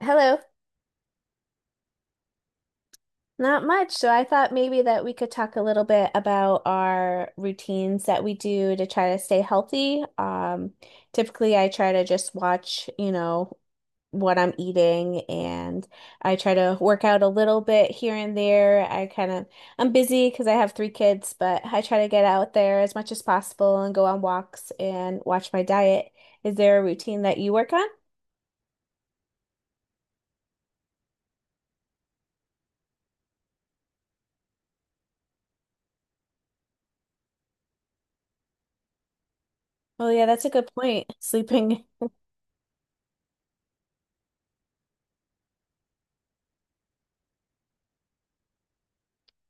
Hello. Not much. So I thought maybe that we could talk a little bit about our routines that we do to try to stay healthy. Typically I try to just watch what I'm eating, and I try to work out a little bit here and there. I kind of I'm busy because I have three kids, but I try to get out there as much as possible and go on walks and watch my diet. Is there a routine that you work on? Oh yeah, that's a good point. Sleeping.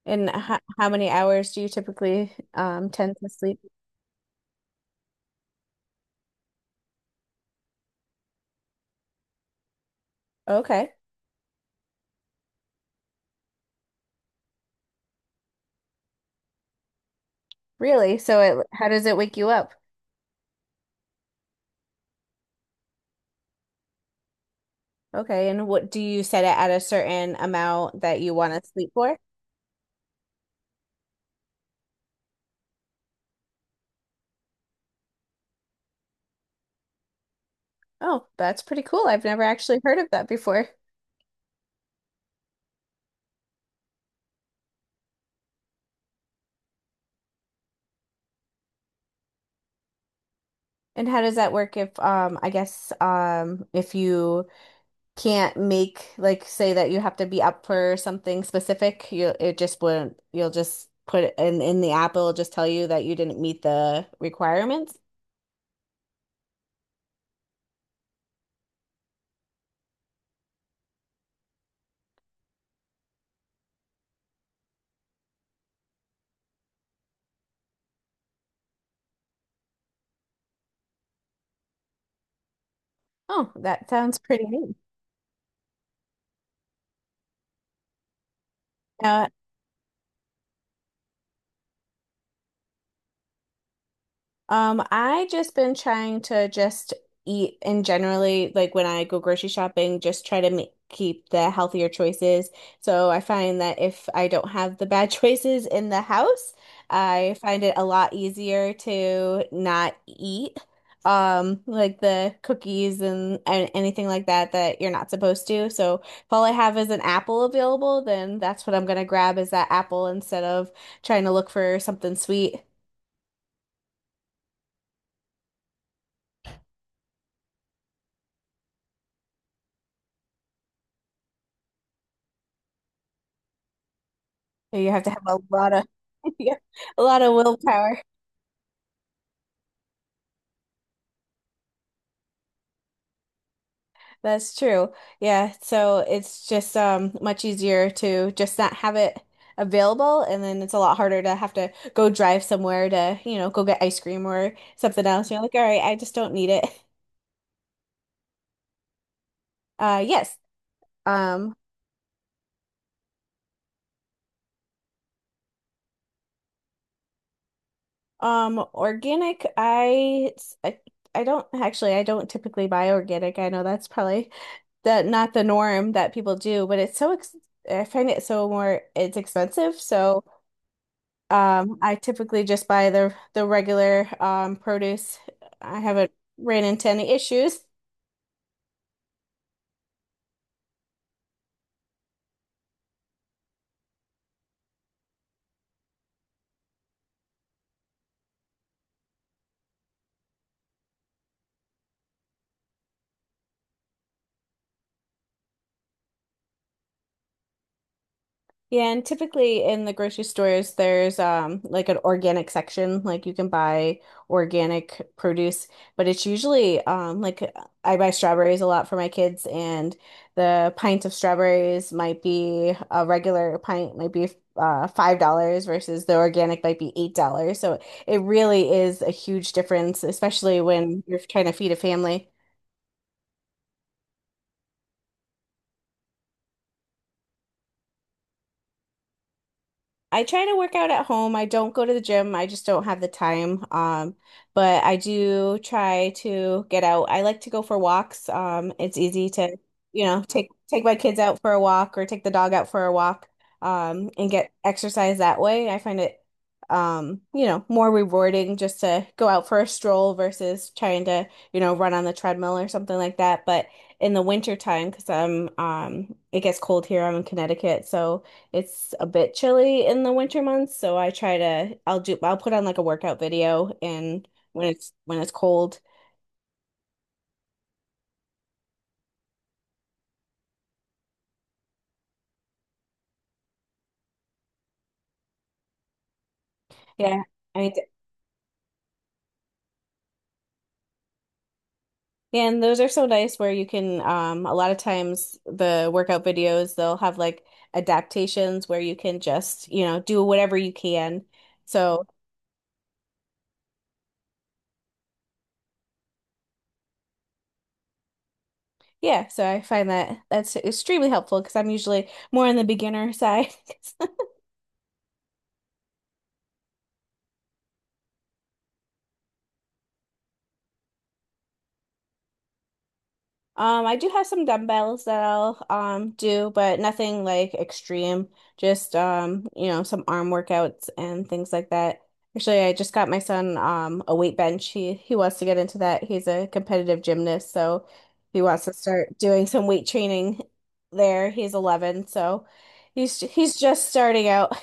And how many hours do you typically tend to sleep? Okay. Really? So it how does it wake you up? Okay. And what do you set it at, a certain amount that you want to sleep for? Oh, that's pretty cool. I've never actually heard of that before. And how does that work if, I guess, if you can't, make like, say that you have to be up for something specific, you it just wouldn't you'll just put it in the app, it'll just tell you that you didn't meet the requirements? Oh, that sounds pretty neat. Now, I just been trying to just eat, and generally, like when I go grocery shopping, just try to make keep the healthier choices. So I find that if I don't have the bad choices in the house, I find it a lot easier to not eat. Like the cookies, and anything like that that you're not supposed to. So if all I have is an apple available, then that's what I'm gonna grab, is that apple, instead of trying to look for something sweet. So you have to have a lot of. Yeah, a lot of willpower. That's true. Yeah, so it's just much easier to just not have it available, and then it's a lot harder to have to go drive somewhere to go get ice cream or something else. You're like, "All right, I just don't need it." Yes. Um Organic, I it's- I don't actually I don't typically buy organic. I know that's probably the not the norm that people do, but it's so ex I find it so more it's expensive, so. I typically just buy the regular produce. I haven't ran into any issues. Yeah, and typically in the grocery stores, there's like an organic section, like you can buy organic produce, but it's usually like I buy strawberries a lot for my kids, and the pint of strawberries might be a regular pint might be $5 versus the organic might be $8. So it really is a huge difference, especially when you're trying to feed a family. I try to work out at home. I don't go to the gym. I just don't have the time. But I do try to get out. I like to go for walks. It's easy to, take my kids out for a walk or take the dog out for a walk, and get exercise that way. I find it more rewarding, just to go out for a stroll versus trying to, run on the treadmill or something like that. But in the winter time, because it gets cold here. I'm in Connecticut, so. It's a bit chilly in the winter months, so I try to I'll do I'll put on like a workout video and when it's cold. Yeah. I And those are so nice, where you can, a lot of times the workout videos, they'll have like adaptations where you can just do whatever you can. So, yeah, so I find that that's extremely helpful because I'm usually more on the beginner side. I do have some dumbbells that I'll do, but nothing like extreme. Just some arm workouts and things like that. Actually, I just got my son a weight bench. He wants to get into that. He's a competitive gymnast, so he wants to start doing some weight training there. He's 11, so he's just starting out.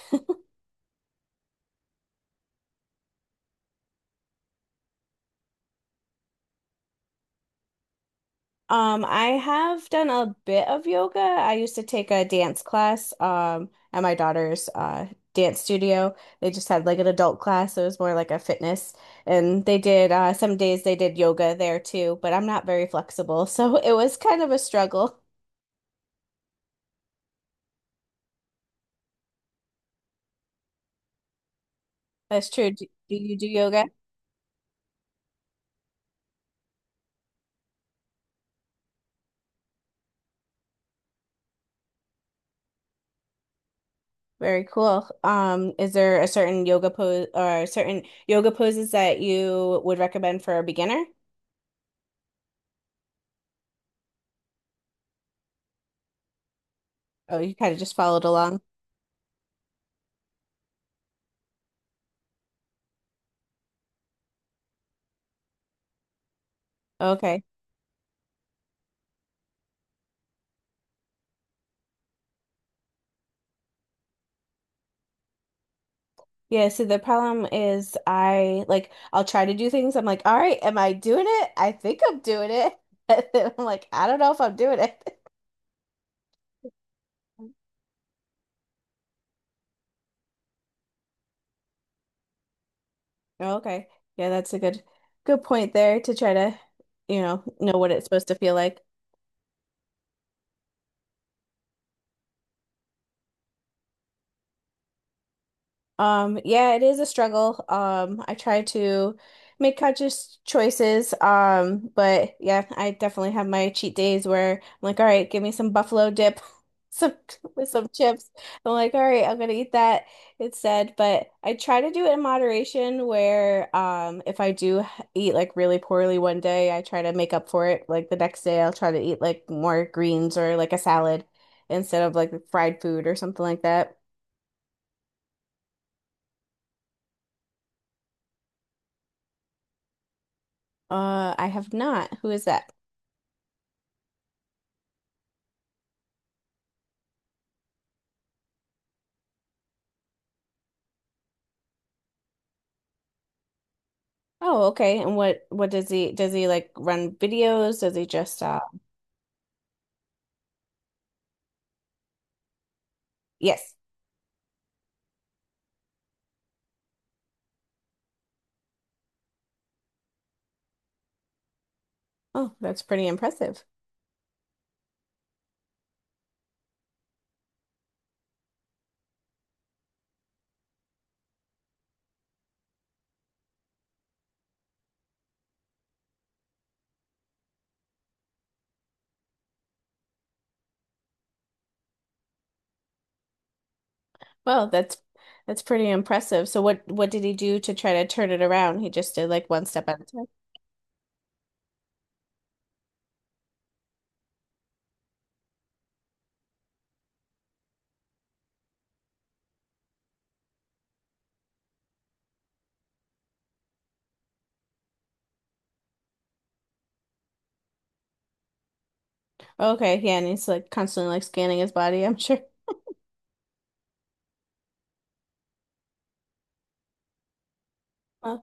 I have done a bit of yoga. I used to take a dance class, at my daughter's dance studio. They just had like an adult class, so it was more like a fitness. And they did some days they did yoga there too, but I'm not very flexible, so it was kind of a struggle. That's true. Do you do yoga? Very cool. Is there a certain yoga pose or certain yoga poses that you would recommend for a beginner? Oh, you kind of just followed along. Okay. Yeah, so the problem is, I'll try to do things. I'm like, all right, am I doing it? I think I'm doing it. And then I'm like, I don't know if I'm doing it. Oh, okay. Yeah, that's a good point there to try to, know what it's supposed to feel like. Yeah, it is a struggle. I try to make conscious choices. But yeah, I definitely have my cheat days where I'm like, all right, give me some buffalo dip, some with some chips. I'm like, all right, I'm gonna eat that instead. But I try to do it in moderation where, if I do eat like really poorly one day, I try to make up for it. Like the next day I'll try to eat like more greens or like a salad instead of like fried food or something like that. I have not. Who is that? Oh, okay. And what does he, like, run videos? Does he just yes. Oh, that's pretty impressive. Well, that's pretty impressive. So what did he do to try to turn it around? He just did like one step at a time. Okay, yeah, and he's like constantly like scanning his body, I'm sure. Uh,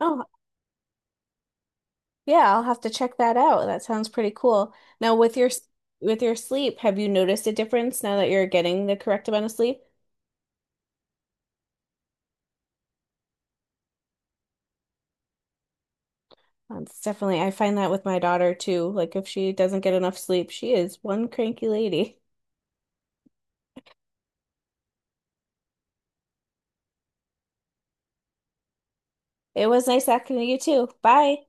oh, yeah, I'll have to check that out. That sounds pretty cool. Now with your sleep, have you noticed a difference now that you're getting the correct amount of sleep? That's definitely, I find that with my daughter too. Like if she doesn't get enough sleep, she is one cranky lady. It was nice talking to you too. Bye.